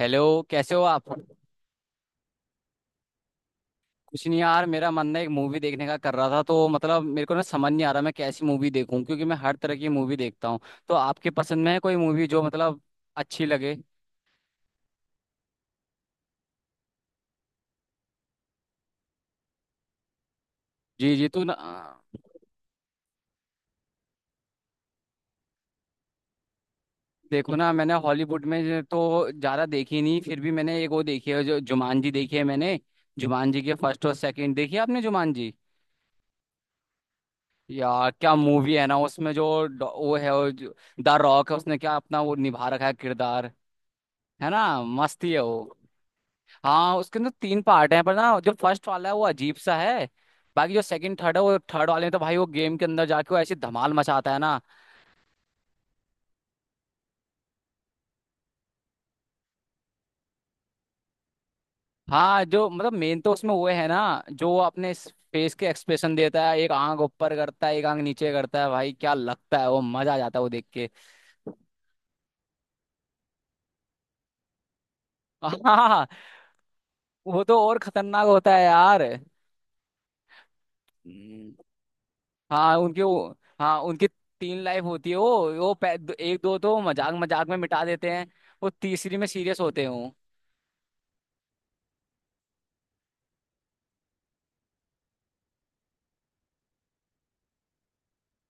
Hello. कैसे हो आप। कुछ नहीं यार, मेरा मन ना एक मूवी देखने का कर रहा था तो मतलब मेरे को ना समझ नहीं आ रहा मैं कैसी मूवी देखूं, क्योंकि मैं हर तरह की मूवी देखता हूँ। तो आपके पसंद में है कोई मूवी जो मतलब अच्छी लगे। जी जी तो ना। देखो ना, मैंने हॉलीवुड में तो ज़्यादा देखी नहीं, फिर भी मैंने एक वो देखी है, जो जुमानजी देखी है मैंने। जुमानजी के फर्स्ट और सेकंड देखी है आपने जुमानजी? यार क्या मूवी है ना, उसमें जो वो है वो द रॉक है, उसने क्या अपना वो निभा रखा है किरदार। है ना, मस्ती है वो। हाँ, उसके अंदर तीन पार्ट हैं, पर ना जो फर्स्ट वाला है वो अजीब सा है। बाकी जो सेकंड थर्ड है, वो थर्ड वाले में तो भाई वो गेम के अंदर जाके वो ऐसी धमाल मचाता है ना। हाँ, जो मतलब मेन तो उसमें वो है ना, जो वो अपने फेस के एक्सप्रेशन देता है, एक आंख ऊपर करता है, एक आंख नीचे करता है, भाई क्या लगता है, वो मजा आ जाता है वो देख के। हाँ, वो तो और खतरनाक होता है यार। हम्म, हाँ उनके वो। हाँ, उनकी तीन लाइफ होती है, एक दो तो मजाक मजाक में मिटा देते हैं। वो तीसरी में सीरियस होते हैं।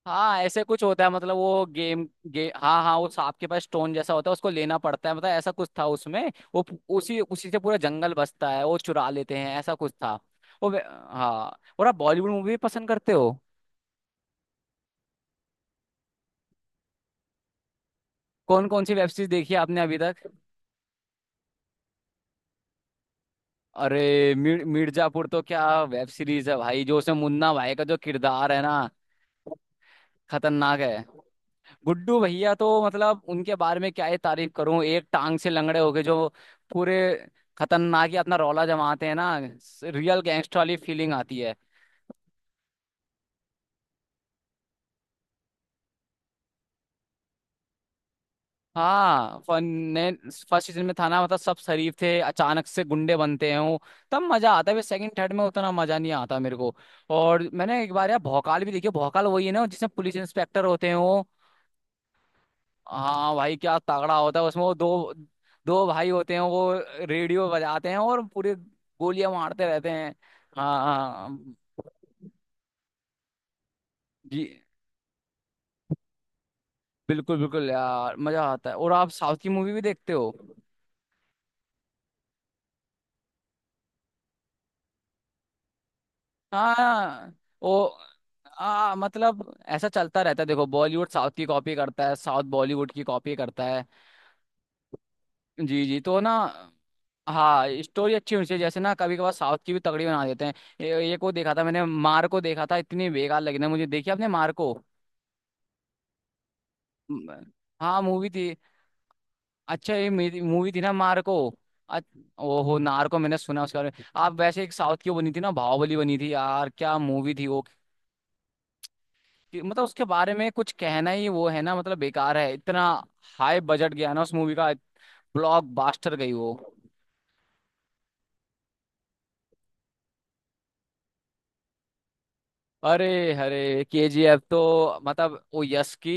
हाँ, ऐसे कुछ होता है, मतलब वो गेम गे, हाँ हाँ, वो सांप के पास स्टोन जैसा होता है, उसको लेना पड़ता है, मतलब ऐसा कुछ था उसमें, वो उसी उसी से पूरा जंगल बसता है, वो चुरा लेते हैं, ऐसा कुछ था। वो हाँ, और आप बॉलीवुड मूवी पसंद करते हो? कौन कौन सी वेब सीरीज देखी है आपने अभी तक? अरे मिर्जापुर तो क्या वेब सीरीज है भाई, जो उसमें मुन्ना भाई का जो किरदार है ना, खतरनाक है। गुड्डू भैया तो मतलब उनके बारे में क्या ही तारीफ करूं, एक टांग से लंगड़े हो गए जो, पूरे खतरनाक ही अपना रौला जमाते हैं ना, रियल गैंगस्टर वाली फीलिंग आती है। हाँ फन ने फर्स्ट सीजन में था ना, मतलब सब शरीफ थे, अचानक से गुंडे बनते हैं वो, तब मजा आता है। सेकंड थर्ड में उतना मजा नहीं आता मेरे को। और मैंने एक बार यार भौकाल भी देखी। भौकाल वही है ना जिसमें पुलिस इंस्पेक्टर होते हैं वो? हाँ भाई क्या तगड़ा होता है, उसमें वो दो, दो भाई होते हैं वो, रेडियो बजाते हैं और पूरे गोलियां मारते रहते हैं। हाँ हाँ। जी, बिल्कुल बिल्कुल यार, मजा आता है। और आप साउथ की मूवी भी देखते हो? हाँ। वो मतलब ऐसा चलता रहता है, देखो बॉलीवुड साउथ की कॉपी करता है, साउथ बॉलीवुड की कॉपी करता है। जी जी तो ना। हाँ, स्टोरी अच्छी होनी चाहिए। जैसे ना कभी कभार साउथ की भी तगड़ी बना देते हैं। ये को देखा था मैंने, मार को देखा था, इतनी बेकार लगी ना मुझे। देखी आपने मार को? म- हाँ मूवी थी। अच्छा ये मूवी थी ना मार्को? अ- ओ हो, नार्को, मैंने सुना उसके बारे में। आप वैसे एक साउथ की वो बनी थी ना बाहुबली बनी थी, यार क्या मूवी थी वो। मतलब उसके बारे में कुछ कहना ही वो है ना, मतलब बेकार है, इतना हाई बजट गया ना उस मूवी का, ब्लॉक बास्टर गई वो। अरे अरे, केजीएफ तो मतलब वो यश की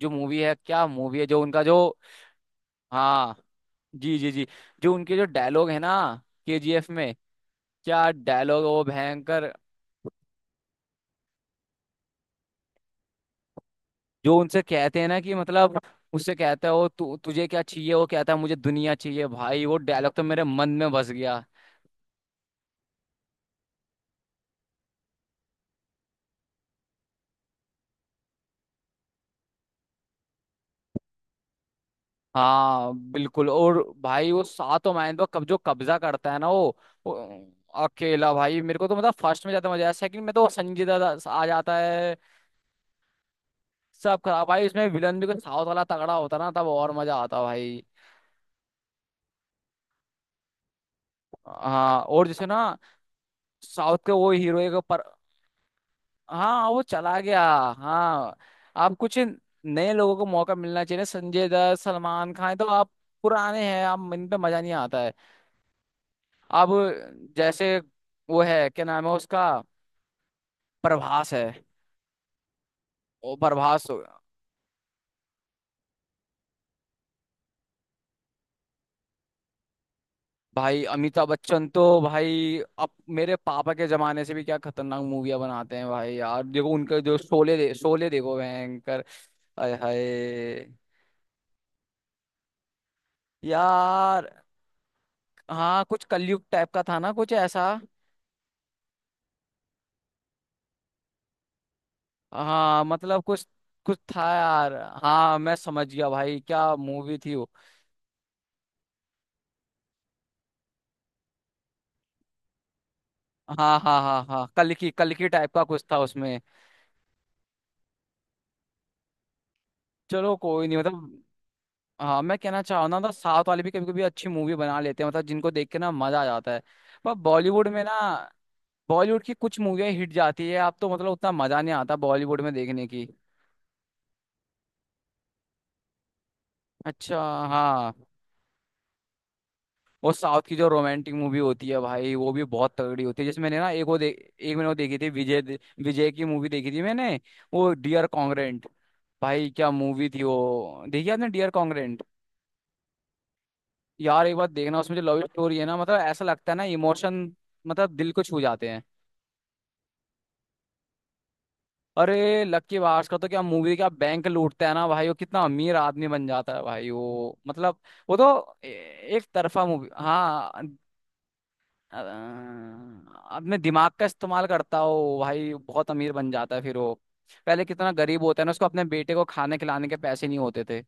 जो मूवी है, क्या मूवी है, जो उनका जो। हाँ, जी जी जी। जो उनके जो डायलॉग है ना केजीएफ में, क्या डायलॉग, वो भयंकर। जो उनसे कहते हैं ना कि मतलब उससे कहता है वो तुझे क्या चाहिए, वो कहता है मुझे दुनिया चाहिए, भाई वो डायलॉग तो मेरे मन में बस गया। हाँ बिल्कुल। और भाई वो सातों मायन पर कब जो कब्जा करता है ना वो अकेला, भाई मेरे को तो मतलब फर्स्ट में ज्यादा मजा आया। सेकंड में तो वो संजय दत्त आ जाता है, सब खराब। भाई उसमें विलन भी कोई साउथ वाला तगड़ा होता ना, तब और मजा आता भाई। हाँ, और जैसे ना साउथ के वो हीरो। हाँ, वो चला गया। हाँ, आप कुछ नए लोगों को मौका मिलना चाहिए ना, संजय दत्त, सलमान खान, ये तो आप पुराने हैं, आप इन पे मजा नहीं आता है। अब जैसे वो है क्या नाम है उसका, प्रभास है। ओ प्रभास हो गया। भाई अमिताभ बच्चन तो भाई अब मेरे पापा के जमाने से भी क्या खतरनाक मूवियां बनाते हैं भाई। यार देखो उनके जो शोले देखो, भयंकर। हाय हाय, यार। हाँ, कुछ कलयुग टाइप का था ना, कुछ ऐसा। हाँ, मतलब कुछ कुछ था यार। हाँ, मैं समझ गया भाई क्या मूवी थी वो। हाँ हाँ हाँ हाँ, कल की टाइप का कुछ था उसमें। चलो कोई नहीं मतलब। हाँ, मैं कहना चाह रहा ना, मतलब साउथ वाले भी कभी कभी अच्छी मूवी बना लेते हैं, मतलब जिनको देख के ना मजा आ जाता है। पर बॉलीवुड में ना, बॉलीवुड की कुछ मूवियाँ हिट जाती है, अब तो मतलब उतना मजा नहीं आता बॉलीवुड में देखने की। अच्छा। हाँ, वो साउथ की जो रोमांटिक मूवी होती है भाई वो भी बहुत तगड़ी होती है। जैसे मैंने ना एक मैंने वो देखी थी विजय की मूवी देखी थी मैंने, वो डियर कॉन्ग्रेंट। भाई क्या मूवी थी वो, देखी आपने डियर कॉन्ग्रेंट? यार एक बार देखना, उसमें जो लव स्टोरी है ना, मतलब ऐसा लगता है ना इमोशन, मतलब दिल को छू जाते हैं। अरे लक्की भास्कर का तो क्या मूवी, क्या बैंक लूटता है ना भाई, वो कितना अमीर आदमी बन जाता है भाई वो, मतलब वो तो एक तरफा मूवी। हाँ, अ, अपने दिमाग का इस्तेमाल करता हो भाई, बहुत अमीर बन जाता है फिर वो। पहले कितना गरीब होता है ना, उसको अपने बेटे को खाने खिलाने के पैसे नहीं होते थे।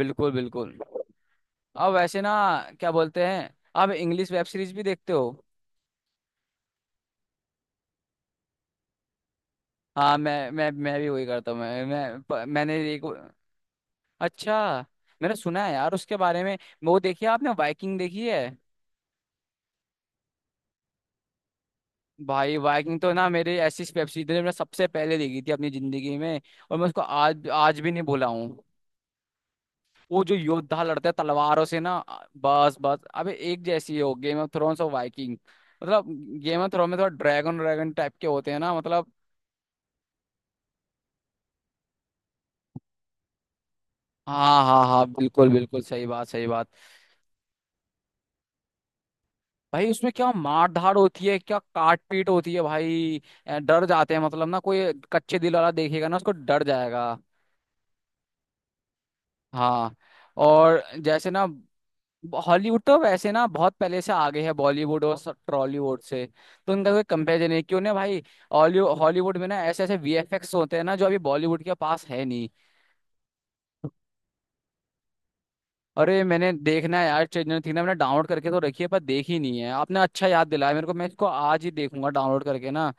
बिल्कुल बिल्कुल। अब वैसे ना क्या बोलते हैं, अब इंग्लिश वेब सीरीज भी देखते हो? हाँ, मैं भी वही करता हूँ। मैंने एक। अच्छा। मैंने सुना है यार उसके बारे में। वो देखी है आपने, वाइकिंग देखी है? भाई वाइकिंग तो ना मेरे ऐसी वेब सीरीज है, मैंने सबसे पहले देखी थी अपनी जिंदगी में, और मैं उसको आज आज भी नहीं भूला हूँ। वो जो योद्धा लड़ते हैं तलवारों से ना, बस बस, अबे एक जैसी ही हो गेम ऑफ थ्रोन्स और वाइकिंग। मतलब गेम ऑफ थ्रोन में थोड़ा ड्रैगन ड्रैगन टाइप के होते हैं ना, मतलब। हाँ हाँ हाँ, बिल्कुल बिल्कुल, सही बात सही बात। भाई उसमें क्या मार धाड़ होती है, क्या काट पीट होती है भाई, डर जाते हैं, मतलब ना कोई कच्चे दिल वाला देखेगा ना उसको डर जाएगा। हाँ, और जैसे ना हॉलीवुड तो वैसे ना बहुत पहले से आगे है बॉलीवुड और टॉलीवुड से, तो उनका कोई कंपेरिजन नहीं, क्यों ना भाई। हॉलीवुड में ना ऐसे ऐसे वीएफएक्स होते हैं ना, जो अभी बॉलीवुड के पास है नहीं। अरे, मैंने देखना है यार ट्रेलर, थी ना, मैंने डाउनलोड करके तो रखी है, पर देखी नहीं है। आपने अच्छा याद दिलाया मेरे को, मैं इसको आज ही देखूंगा डाउनलोड करके ना।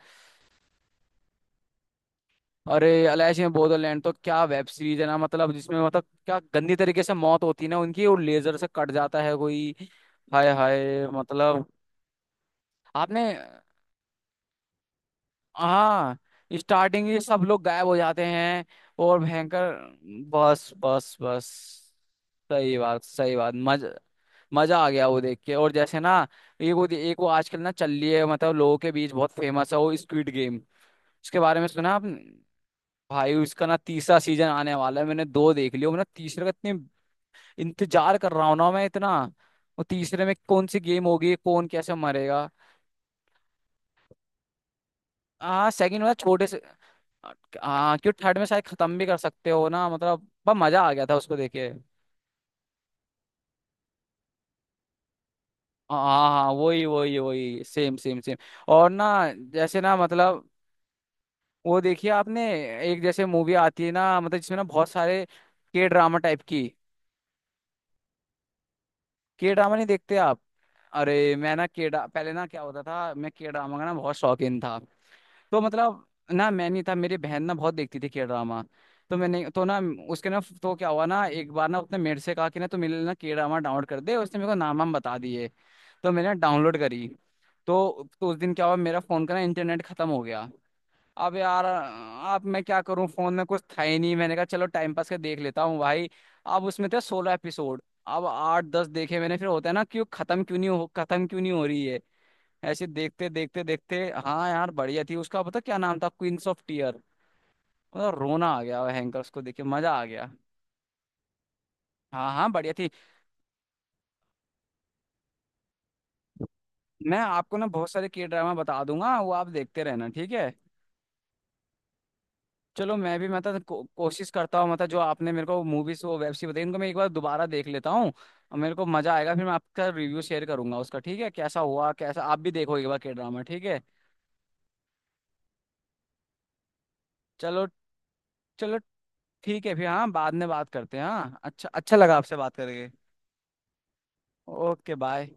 अरे अलाइश इन बोडोलैंड तो क्या वेब सीरीज है ना, मतलब जिसमें मतलब क्या गंदी तरीके से मौत होती है ना उनकी, और लेजर से कट जाता है कोई, हाय हाय, मतलब। आपने। हाँ, स्टार्टिंग में सब लोग गायब हो जाते हैं और भयंकर। बस बस बस, सही बात सही बात। मज मजा आ गया वो देख के। और जैसे ना एक वो आजकल ना चल रही है, मतलब लोगों के बीच बहुत फेमस है, वो स्क्विड गेम। उसके बारे में सुना आपने? भाई उसका ना तीसरा सीजन आने वाला है, मैंने दो देख लिया, मैंने तीसरे का इतने इंतजार कर रहा हूँ ना मैं इतना। वो तीसरे में कौन सी गेम होगी, कौन कैसे मरेगा। हाँ सेकंड वाला छोटे से। हाँ क्यों, थर्ड में शायद खत्म भी कर सकते हो ना मतलब। बस मजा आ गया था उसको देखे। हाँ हाँ हाँ, वही वही वही, सेम सेम सेम। और ना जैसे ना मतलब, वो देखिए आपने एक जैसे मूवी आती है ना, मतलब जिसमें ना बहुत सारे के ड्रामा टाइप की। के ड्रामा नहीं देखते आप? अरे मैं ना के पहले ना क्या होता था, मैं के ड्रामा का ना बहुत शौकीन था, तो मतलब ना मैं नहीं था, मेरी बहन ना बहुत देखती थी के ड्रामा, तो मैंने तो ना उसके ना, तो क्या हुआ ना, एक बार ना उसने मेरे से कहा कि ना तू मेरे लिए ना के ड्रामा डाउनलोड कर दे, उसने मेरे को नाम वाम बता दिए, तो मैंने डाउनलोड करी। तो उस दिन क्या हुआ, मेरा फोन का ना इंटरनेट खत्म हो गया। अब यार अब मैं क्या करूं, फोन में कुछ था ही नहीं, मैंने कहा चलो टाइम पास कर देख लेता हूँ भाई। अब उसमें थे 16 एपिसोड। अब आठ दस देखे मैंने, फिर होता है ना, क्यों खत्म क्यों नहीं हो, खत्म क्यों नहीं हो रही है, ऐसे देखते देखते देखते। हाँ यार बढ़िया थी, उसका पता क्या नाम था, क्वींस ऑफ टीयर। मतलब रोना आ गया, हैंकर्स को देख के मजा आ गया। हाँ हाँ, बढ़िया थी। मैं आपको ना बहुत सारे के ड्रामा बता दूंगा, वो आप देखते रहना ठीक है। चलो मैं भी मतलब कोशिश करता हूँ मतलब, जो आपने मेरे को मूवीज वो वेब सीरीज बताई, इनको मैं एक बार दोबारा देख लेता हूँ, और मेरे को मजा आएगा, फिर मैं आपका रिव्यू शेयर करूंगा उसका, ठीक है, कैसा हुआ कैसा। आप भी देखो एक बार के ड्रामा, ठीक है। चलो चलो, ठीक है फिर। हाँ बाद में बात करते हैं। हाँ, अच्छा, अच्छा लगा आपसे बात करके। Okay bye.